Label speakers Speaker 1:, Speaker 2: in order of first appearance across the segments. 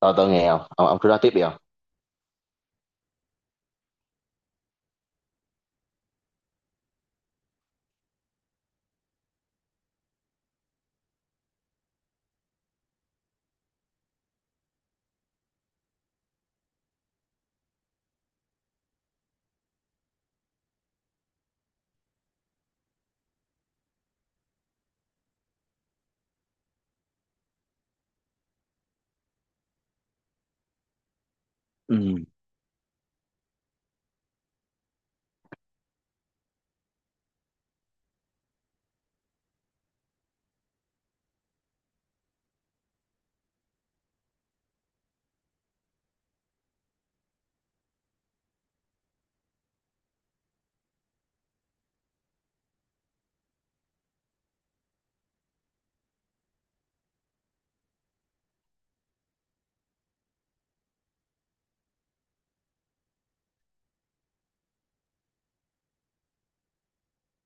Speaker 1: Tôi nghe không? Ông cứ nói tiếp đi không? Ừ,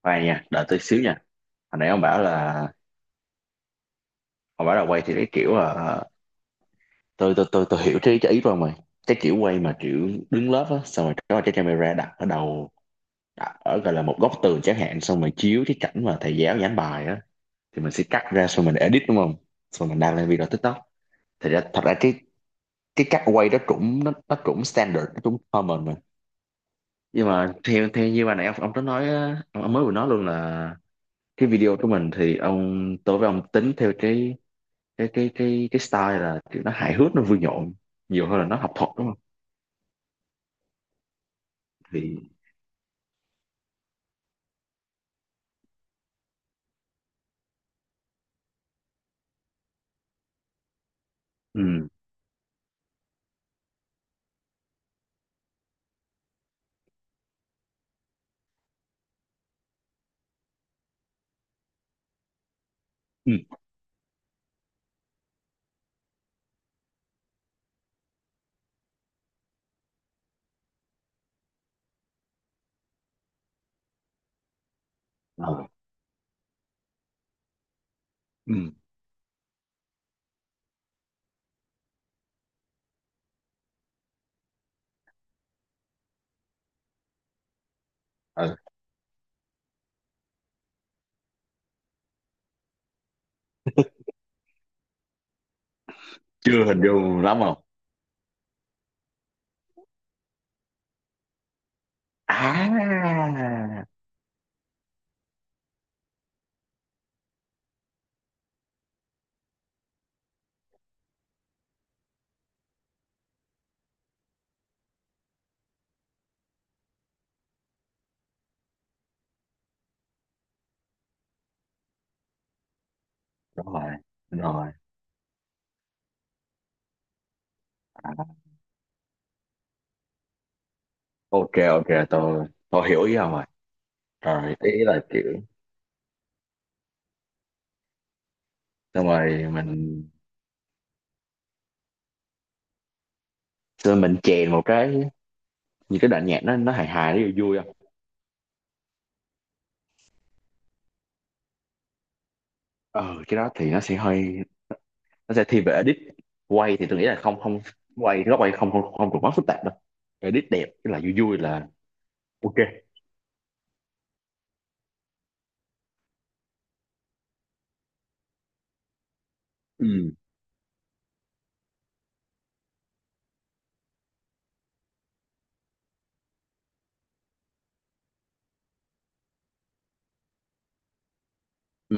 Speaker 1: khoan nha, đợi tôi xíu nha. Hồi nãy ông bảo là quay thì cái kiểu là tôi hiểu cái ý của ông rồi. Cái kiểu quay mà kiểu đứng lớp á, xong rồi có cái camera đặt ở đầu, đặt ở gọi là một góc tường chẳng hạn, xong rồi chiếu cái cảnh mà thầy giáo giảng bài á thì mình sẽ cắt ra xong mình edit đúng không? Xong mình đăng lên video TikTok. Thật ra cái cách quay đó nó cũng standard, nó cũng common mà. Nhưng mà theo theo như bà nãy ông có nói á, ông mới vừa nói luôn là cái video của mình thì ông, tôi với ông tính theo cái cái style là kiểu nó hài hước nó vui nhộn nhiều hơn là nó học thuật đúng không? Thì ừ, ừ, ờ, ừ, ờ, chưa hình dung lắm không. À, rồi, rồi, à, ok, ok, tôi hiểu ý ông rồi. Rồi ý là kiểu xong rồi mình, xong rồi mình chèn một cái như cái đoạn nhạc nó hài hài nó vui vui không? Ờ, cái đó thì nó sẽ hơi, nó sẽ thiên về edit. Quay thì tôi nghĩ là không, không quay góc quay, không không không được quá phức tạp đâu. Edit đẹp tức là vui vui là ok. Ừ, ừ.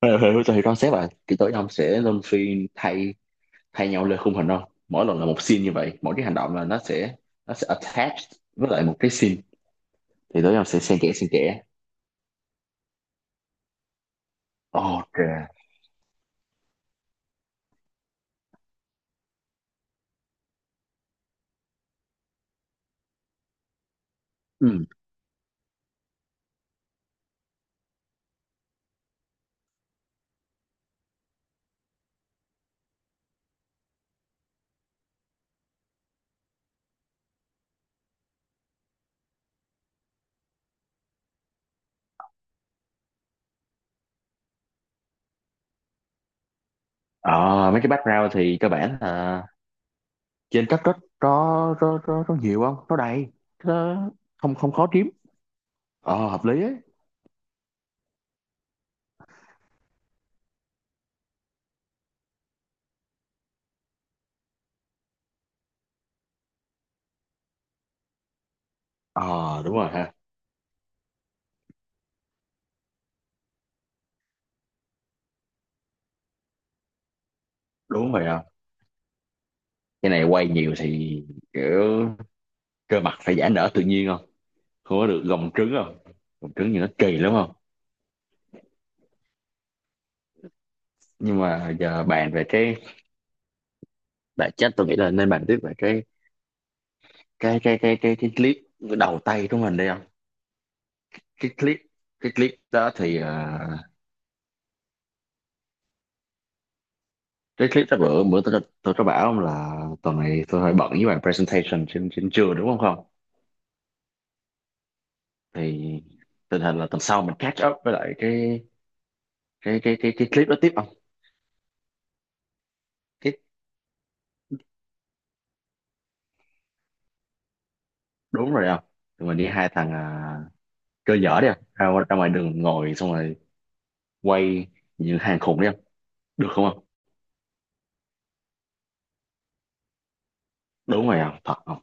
Speaker 1: Thế thì concept là kỹ tối ông sẽ luân phiên thay thay nhau lên khung hình không, mỗi lần là một scene như vậy, mỗi cái hành động là nó sẽ attached với lại một cái scene. Thì tối ông sẽ xen kẽ, ok. Ừ, ờ, mấy cái background thì cơ bản là trên cấp rất, có nhiều, không có đầy nó, không không khó kiếm. Ờ, hợp lý ấy. Ờ, đúng rồi ha. Đúng rồi không, cái này quay nhiều thì kiểu cơ mặt phải giãn nở tự nhiên không, không có được gồng trứng không, gồng trứng thì nó kỳ lắm không. Nhưng mà giờ bàn về cái bản chất, tôi nghĩ là nên bàn tiếp về cái clip đầu tay của mình đây không. cái clip cái clip đó thì à, cái clip đó bữa, bữa tôi có bảo ông là tuần này tôi hơi bận với bài presentation trên, trên trường đúng không không? Thì tình hình là tuần sau mình catch up với lại cái cái clip đó tiếp không? Cái, đúng rồi không, tụi mình đi hai thằng à, chơi dở đi không, ra ngoài đường ngồi xong rồi quay như hàng khủng đi không? Được không không? Đúng rồi không thật không?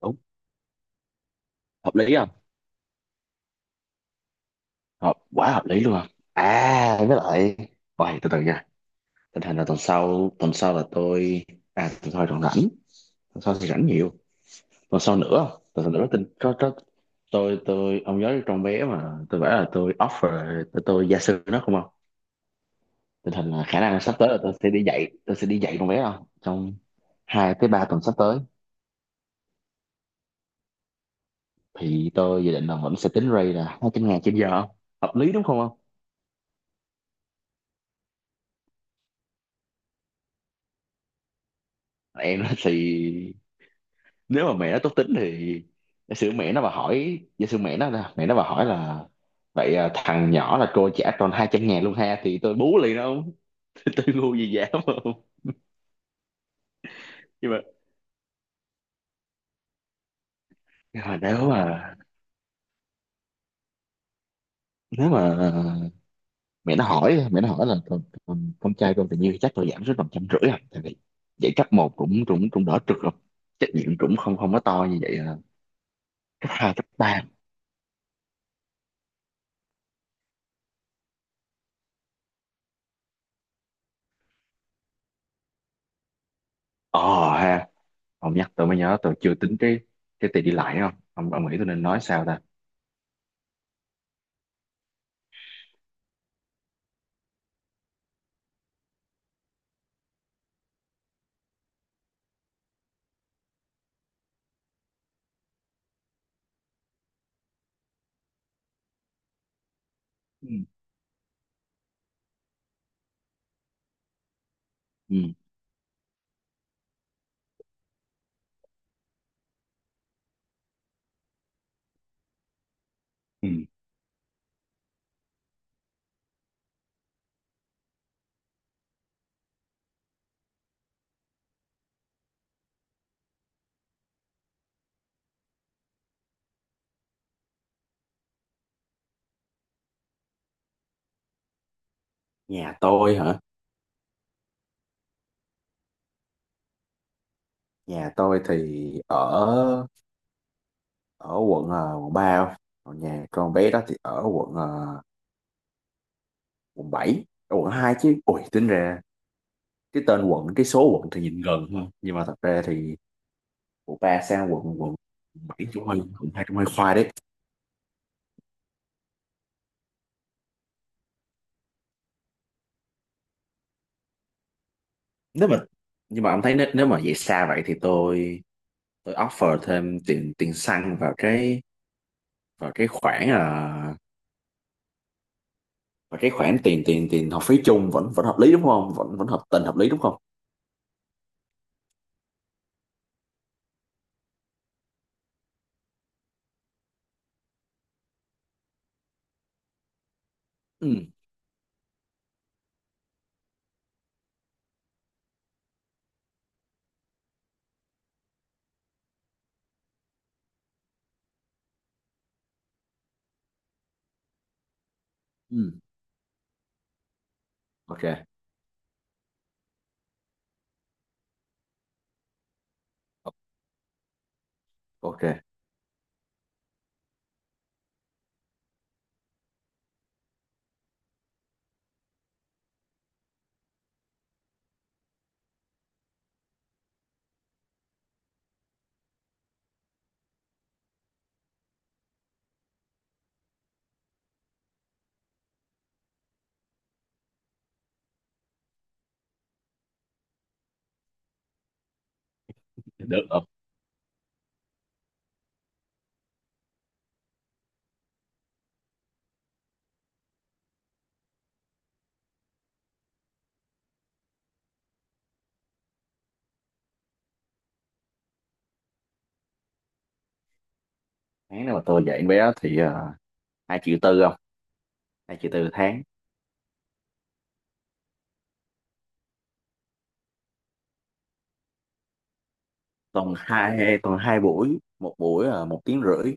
Speaker 1: Đúng, hợp lý không, hợp quá, hợp lý luôn không. À với lại, ôi, từ từ nha. Tình hình là tuần sau là tôi, à tuần sau còn rảnh, tuần sau thì rảnh nhiều. Tuần sau nữa không? Tuần sau nữa có có. Tôi Ông nhớ trong vé mà tôi bảo là tôi offer, tôi gia sư nó không không? Tình hình là khả năng là sắp tới là tôi sẽ đi dạy trong vé không, trong hai tới ba tuần sắp tới. Thì tôi dự định là vẫn sẽ tính rate là 200 ngàn trên giờ, hợp lý đúng không không? Em nói thì nếu mà mẹ nó tốt tính thì giả sử mẹ nó mà hỏi, giả sử mẹ nó là mẹ nó mà hỏi là vậy à, thằng nhỏ là cô trả tròn 200 ngàn luôn ha, thì tôi bú liền đó không. Tôi ngu gì dám không. Nhưng mà, nhưng mà nếu mà, nếu mà mẹ nó hỏi, là con trai con tình yêu thì chắc tôi giảm xuống tầm trăm rưỡi à, tại vì dạy cấp 1 cũng cũng cũng đỡ trượt rồi, trách nhiệm cũng không không có to như vậy à. Cấp 2, cấp 3. Ờ ha, ông nhắc tôi mới nhớ tôi chưa tính cái tiền đi lại không. Ông nghĩ tôi nên nói sao ta? Ừ. Ừ. Ừ. Nhà tôi hả? Nhà tôi thì ở, ở quận quận ba không? Còn nhà con bé đó thì ở quận quận 7, ở quận 2 chứ. Ui, tính ra cái tên quận, cái số quận thì nhìn gần thôi, nhưng mà thật ra thì quận 3 sang quận quận 7 cũng hơi, cũng hai cũng hơi khoai đấy. Nếu mà, nhưng mà ông thấy nếu mà vậy xa vậy thì tôi offer thêm tiền tiền xăng vào cái, vào cái khoản à, vào cái khoản tiền tiền tiền học phí chung vẫn, vẫn hợp lý đúng không, vẫn, vẫn hợp tình hợp lý đúng không? Ừ, ừ, ok, ok, được, được. Tháng nào mà tôi dạy em bé thì à, hai triệu tư không, hai triệu tư tháng. Tuần hai, tuần hai buổi, một buổi là một tiếng rưỡi.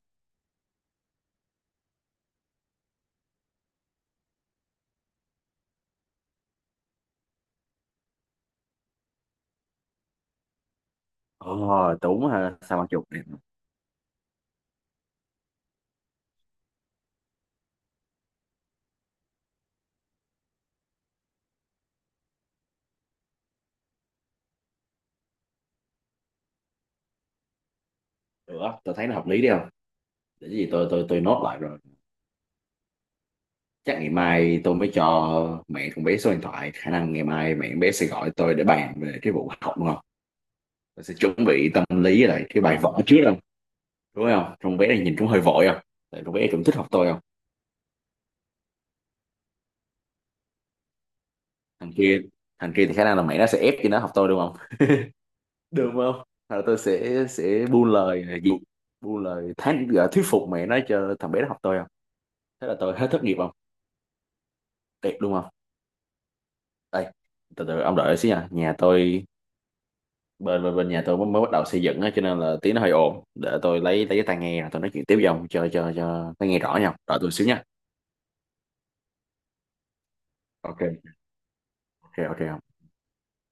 Speaker 1: Ờ, đúng ha, sao mà chục. Được á, tôi thấy nó hợp lý đi không. Để cái gì tôi, tôi nốt lại rồi. Chắc ngày mai tôi mới cho mẹ con bé số điện thoại. Khả năng ngày mai mẹ con bé sẽ gọi tôi để bàn về cái vụ học đúng không? Tôi sẽ chuẩn bị tâm lý với lại cái bài vở trước không? Đúng không? Con bé này nhìn cũng hơi vội không? Tại con bé cũng thích học tôi không? Thằng kia, Thằng kia thì khả năng là mẹ nó sẽ ép cho nó học tôi đúng không? Được không? Rồi tôi sẽ buôn lời gì? Buôn lời thán gọi thuyết phục mẹ nó cho thằng bé nó học tôi không? Thế là tôi hết thất nghiệp không? Đẹp đúng không? Đây, từ từ ông đợi xíu nha. Nhà tôi, bên bên bên nhà tôi mới mới bắt đầu xây dựng á cho nên là tiếng nó hơi ồn, để tôi lấy cái tai nghe rồi tôi nói chuyện tiếp với ông cho cho nó nghe rõ nhau, rồi tôi xíu nha. Ok, ok, ok.